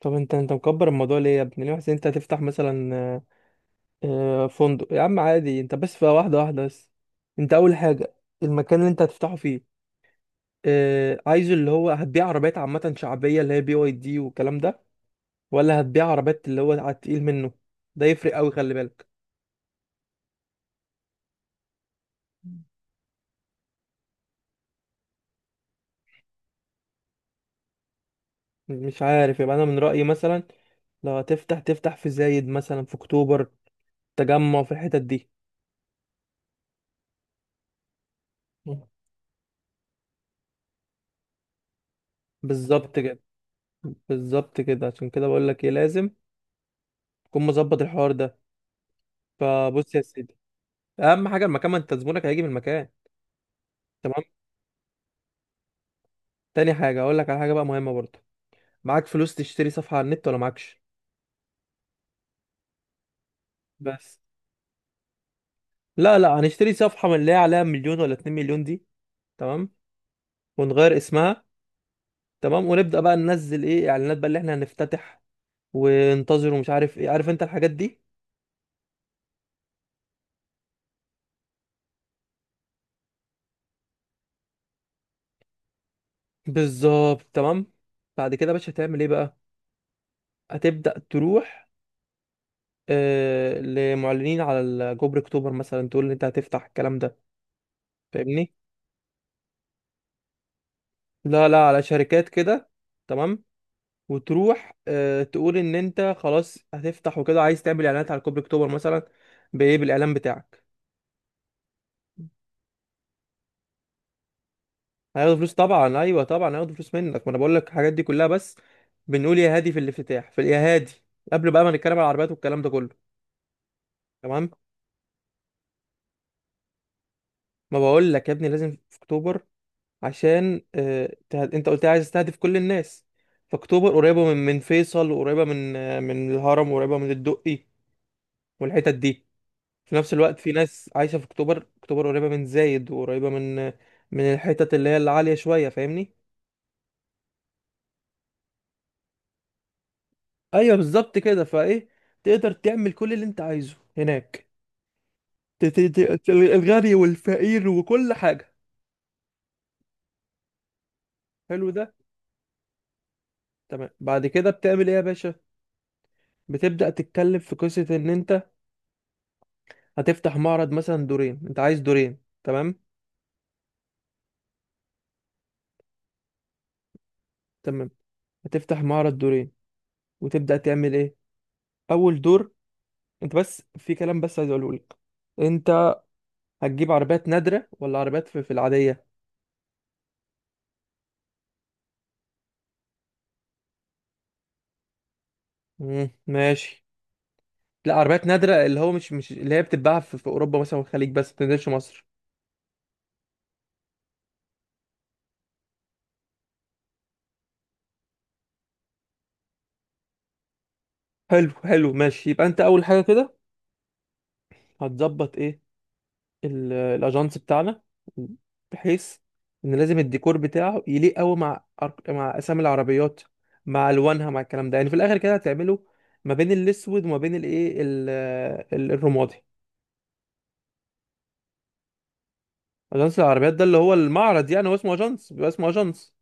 طب انت مكبر الموضوع ليه يا ابني؟ ليه حاسس انت هتفتح مثلا فندق يا عم؟ عادي، انت بس في واحده واحده. بس انت اول حاجه المكان اللي انت هتفتحه فيه، عايزه اللي هو هتبيع عربيات عامه شعبيه اللي هي بي واي دي والكلام ده، ولا هتبيع عربيات اللي هو على التقيل منه؟ ده يفرق قوي، خلي بالك. مش عارف، يبقى انا من رايي مثلا لو هتفتح تفتح في زايد مثلا، في اكتوبر، تجمع، في الحتت دي. بالظبط كده، بالظبط كده، عشان كده بقول لك ايه لازم تكون مظبط الحوار ده. فبص يا سيدي، اهم حاجه المكان، ما انت زبونك هيجي من المكان. تمام. تاني حاجه اقول لك على حاجه بقى مهمه برضه، معاك فلوس تشتري صفحه على النت ولا معكش؟ بس لا لا هنشتري صفحه من اللي هي عليها مليون ولا 2 مليون دي. تمام. ونغير اسمها. تمام ونبدا بقى ننزل ايه اعلانات بقى اللي احنا هنفتتح، وننتظر، ومش عارف ايه، عارف انت الحاجات دي. بالظبط، تمام. بعد كده يا باشا هتعمل ايه بقى؟ هتبدا تروح لمعلنين على جبر اكتوبر مثلا، تقول ان انت هتفتح الكلام ده. فاهمني؟ لا لا على شركات كده. تمام. وتروح تقول ان انت خلاص هتفتح وكده، عايز تعمل اعلانات على كوبري اكتوبر مثلا، بايه؟ بالاعلان بتاعك. هياخدوا فلوس طبعا، ايوه طبعا هياخدوا فلوس منك، ما انا بقول لك الحاجات دي كلها بس. بنقول يا هادي في الافتتاح في يا هادي، قبل بقى ما نتكلم على العربيات والكلام ده كله. تمام. ما بقول لك يا ابني لازم في اكتوبر، عشان انت قلت لي عايز تستهدف كل الناس. فاكتوبر قريبه من فيصل، وقريبه من من الهرم، وقريبه من الدقي والحتت دي. في نفس الوقت في ناس عايشة في اكتوبر، اكتوبر قريبة من زايد وقريبة من من الحتت اللي هي العالية شوية. فاهمني؟ ايوه بالظبط كده، فايه تقدر تعمل كل اللي انت عايزه هناك. ت- ت- الغني والفقير وكل حاجة. حلو ده. تمام. بعد كده بتعمل ايه يا باشا؟ بتبدأ تتكلم في قصة ان انت هتفتح معرض مثلا دورين، انت عايز دورين. تمام. تمام، هتفتح معرض دورين، وتبدأ تعمل ايه؟ اول دور، انت بس في كلام بس عايز اقوله لك. انت هتجيب عربيات نادرة ولا عربيات في العادية؟ ماشي. لا، عربيات نادرة اللي هو مش اللي هي بتتباع في أوروبا مثلا والخليج، بس ما بتنزلش مصر. حلو حلو ماشي، يبقى أنت أول حاجة كده هتظبط إيه؟ الأجانس بتاعنا، بحيث إن لازم الديكور بتاعه يليق أوي مع مع أسامي العربيات، مع ألوانها، مع الكلام ده. يعني في الآخر كده هتعمله ما بين الأسود وما بين الإيه، الرمادي. أجانس العربيات ده اللي هو المعرض، يعني هو اسمه أجانس، بيبقى اسمه أجانس.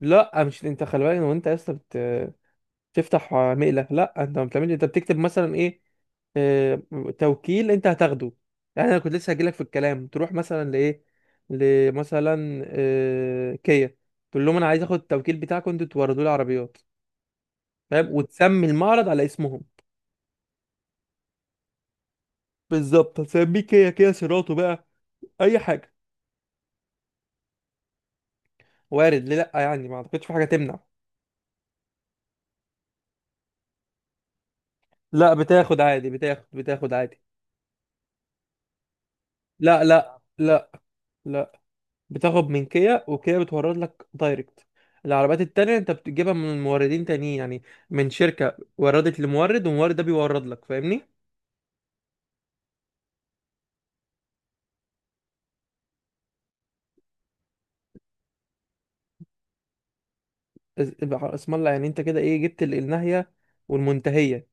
لا مش انت، خلي بالك، وانت يا اسطى بتفتح مقلة؟ لا، انت ما بتعملش، انت بتكتب مثلا ايه، آه، توكيل انت هتاخده. يعني انا كنت لسه هجيلك في الكلام، تروح مثلا لايه، لمثلا كيا، تقول لهم انا عايز اخد التوكيل بتاعكم، انتوا توردوا لي عربيات، فاهم، وتسمي المعرض على اسمهم. بالظبط، هتسميه كيا، كيا سيراتو بقى، اي حاجه. وارد، ليه لا؟ يعني ما اعتقدش في حاجه تمنع. لا بتاخد عادي، بتاخد عادي. لا لا لا. لا. بتاخد من كيا، وكيا بتورد لك دايركت. العربيات التانية انت بتجيبها من موردين تانيين، يعني من شركة وردت لمورد، والمورد ده بيورد لك. فاهمني؟ يبقى اسم الله، يعني انت كده ايه، جبت الناهية والمنتهية.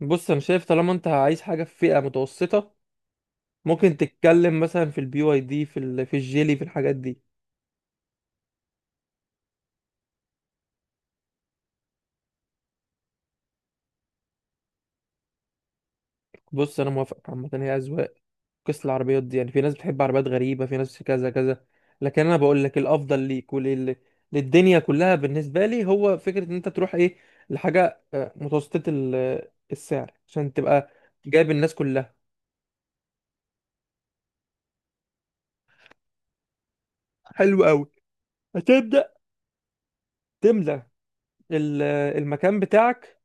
بص انا شايف طالما انت عايز حاجة في فئة متوسطة، ممكن تتكلم مثلا في البي واي دي، في في الجيلي، في الحاجات دي. بص انا موافقك، عامة هي أذواق، قصة العربيات دي، يعني في ناس بتحب عربيات غريبة، في ناس كذا كذا. لكن انا بقول لك الافضل ليك للدنيا كلها، بالنسبة لي هو فكرة ان انت تروح ايه، لحاجة متوسطة السعر، عشان تبقى جايب الناس كلها. حلو قوي. هتبدأ تملى المكان بتاعك،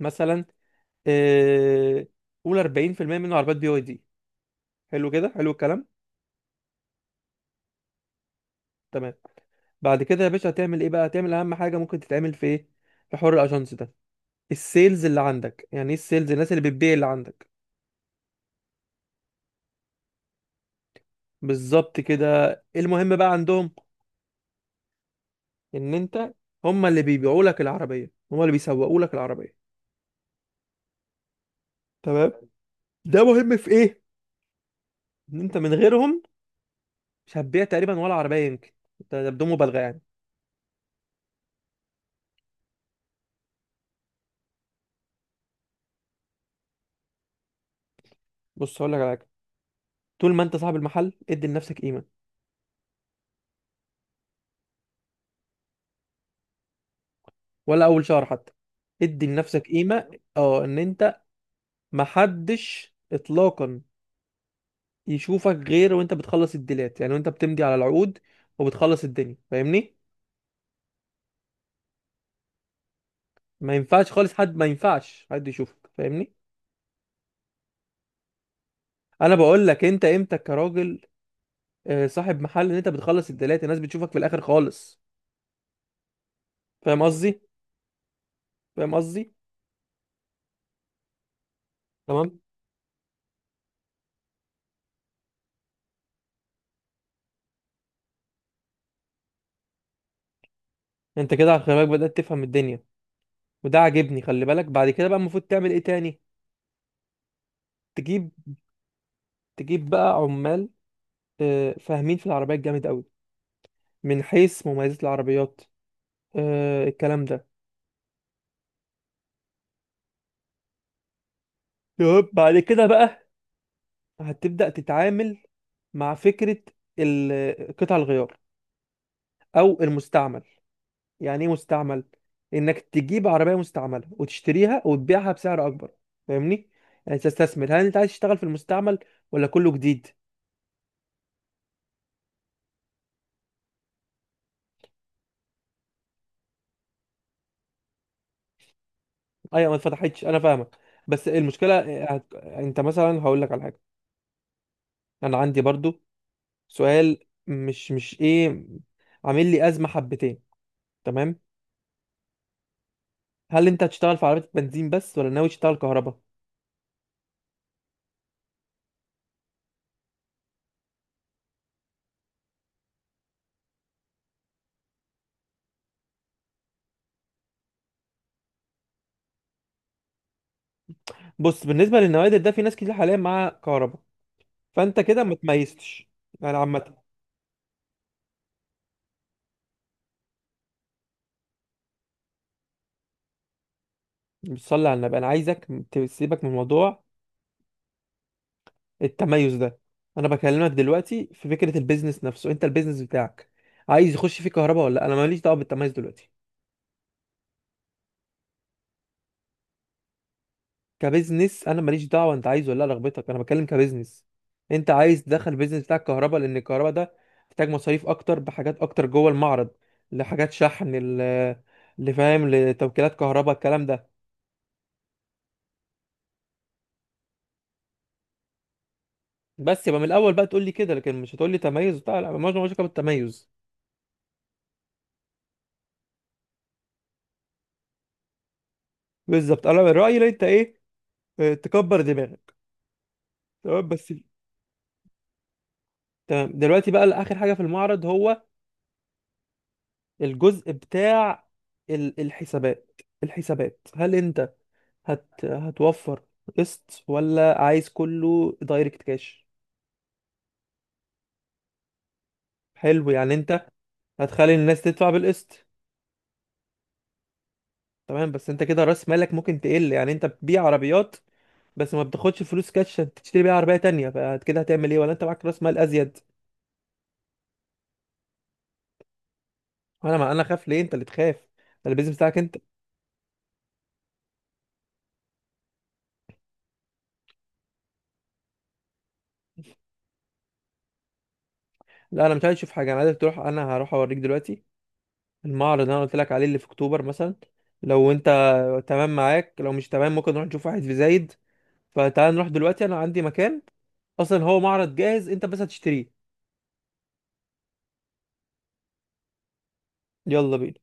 مثلا آه، قول 40% منه عربيات بي واي دي. حلو كده، حلو الكلام. تمام. بعد كده يا باشا هتعمل ايه بقى؟ هتعمل اهم حاجة ممكن تتعمل في ايه، في حوار الاجانس ده. السيلز اللي عندك، يعني ايه السيلز؟ الناس اللي بتبيع اللي عندك. بالظبط كده. المهم بقى عندهم ان انت، هم اللي بيبيعوا لك العربيه، هم اللي بيسوقوا لك العربيه. تمام. ده مهم في ايه؟ ان انت من غيرهم مش هتبيع تقريبا ولا عربيه يمكن، ده بدون مبالغه يعني. بص هقول لك على حاجه، طول ما انت صاحب المحل ادي لنفسك قيمه. ولا اول شهر حتى، ادي لنفسك قيمه. اه، ان انت محدش اطلاقا يشوفك، غير وانت بتخلص الديلات يعني، وانت بتمضي على العقود، وبتخلص الدنيا. فاهمني؟ ما ينفعش خالص حد، ما ينفعش حد يشوفك. فاهمني؟ انا بقول لك انت امتى كراجل صاحب محل، ان انت بتخلص الدلات، الناس بتشوفك في الاخر خالص. فاهم قصدي؟ فاهم قصدي؟ تمام. انت كده على خلي بالك بدأت تفهم الدنيا، وده عاجبني. خلي بالك بعد كده بقى المفروض تعمل ايه تاني؟ تجيب تجيب بقى عمال فاهمين في العربيات جامد قوي، من حيث مميزات العربيات، الكلام ده. يب. بعد كده بقى هتبدأ تتعامل مع فكرة قطع الغيار او المستعمل. يعني ايه مستعمل؟ انك تجيب عربيه مستعمله وتشتريها وتبيعها بسعر اكبر، فاهمني؟ يعني تستثمر. هل انت عايز تشتغل في المستعمل ولا كله جديد؟ ايوه ما اتفتحتش، انا فاهمك. بس المشكله، انت مثلا هقول لك على حاجه، انا عندي برضو سؤال، مش ايه، عامل لي ازمه حبتين. تمام. هل انت هتشتغل في عربيه بنزين بس ولا ناوي تشتغل كهرباء؟ بص، بالنسبه للنوادر ده في ناس كتير حاليا مع كهرباء، فانت كده ما تميزتش يعني عامه. بتصلي على النبي، انا عايزك تسيبك من موضوع التميز ده. انا بكلمك دلوقتي في فكره البيزنس نفسه، انت البيزنس بتاعك عايز يخش فيه كهرباء ولا لا؟ انا ماليش دعوه بالتميز دلوقتي. كبيزنس، انا ماليش دعوه انت عايز ولا لا، رغبتك، انا بتكلم كبيزنس. انت عايز تدخل البيزنس بتاعك كهرباء، لان الكهرباء ده محتاج مصاريف اكتر، بحاجات اكتر جوه المعرض، لحاجات شحن، اللي فاهم لتوكيلات كهرباء الكلام ده. بس يبقى من الاول بقى تقول لي كده، لكن مش هتقول لي تميز بتاع، لا، مالناش علاقه بالتميز. بالظبط، انا من رايي إن انت ايه، تكبر دماغك. تمام بس. تمام دلوقتي بقى اخر حاجه في المعرض هو الجزء بتاع الحسابات. الحسابات، هل انت هتوفر قسط ولا عايز كله دايركت كاش؟ حلو، يعني انت هتخلي الناس تدفع بالقسط. تمام بس انت كده راس مالك ممكن تقل، يعني انت بتبيع عربيات بس ما بتاخدش فلوس كاش عشان تشتري بيها عربيه تانية، فكده هتعمل ايه، ولا انت معاك راس مال ازيد؟ انا ما انا خاف ليه؟ انت اللي تخاف، ده البيزنس بتاعك انت. لا انا مش عايز اشوف حاجه، انا عايزك تروح، انا هروح اوريك دلوقتي المعرض اللي انا قلت لك عليه اللي في اكتوبر مثلا. لو انت تمام معاك، لو مش تمام ممكن نروح نشوف واحد في زايد. فتعال نروح دلوقتي، انا عندي مكان اصلا هو معرض جاهز، انت بس هتشتريه. يلا بينا.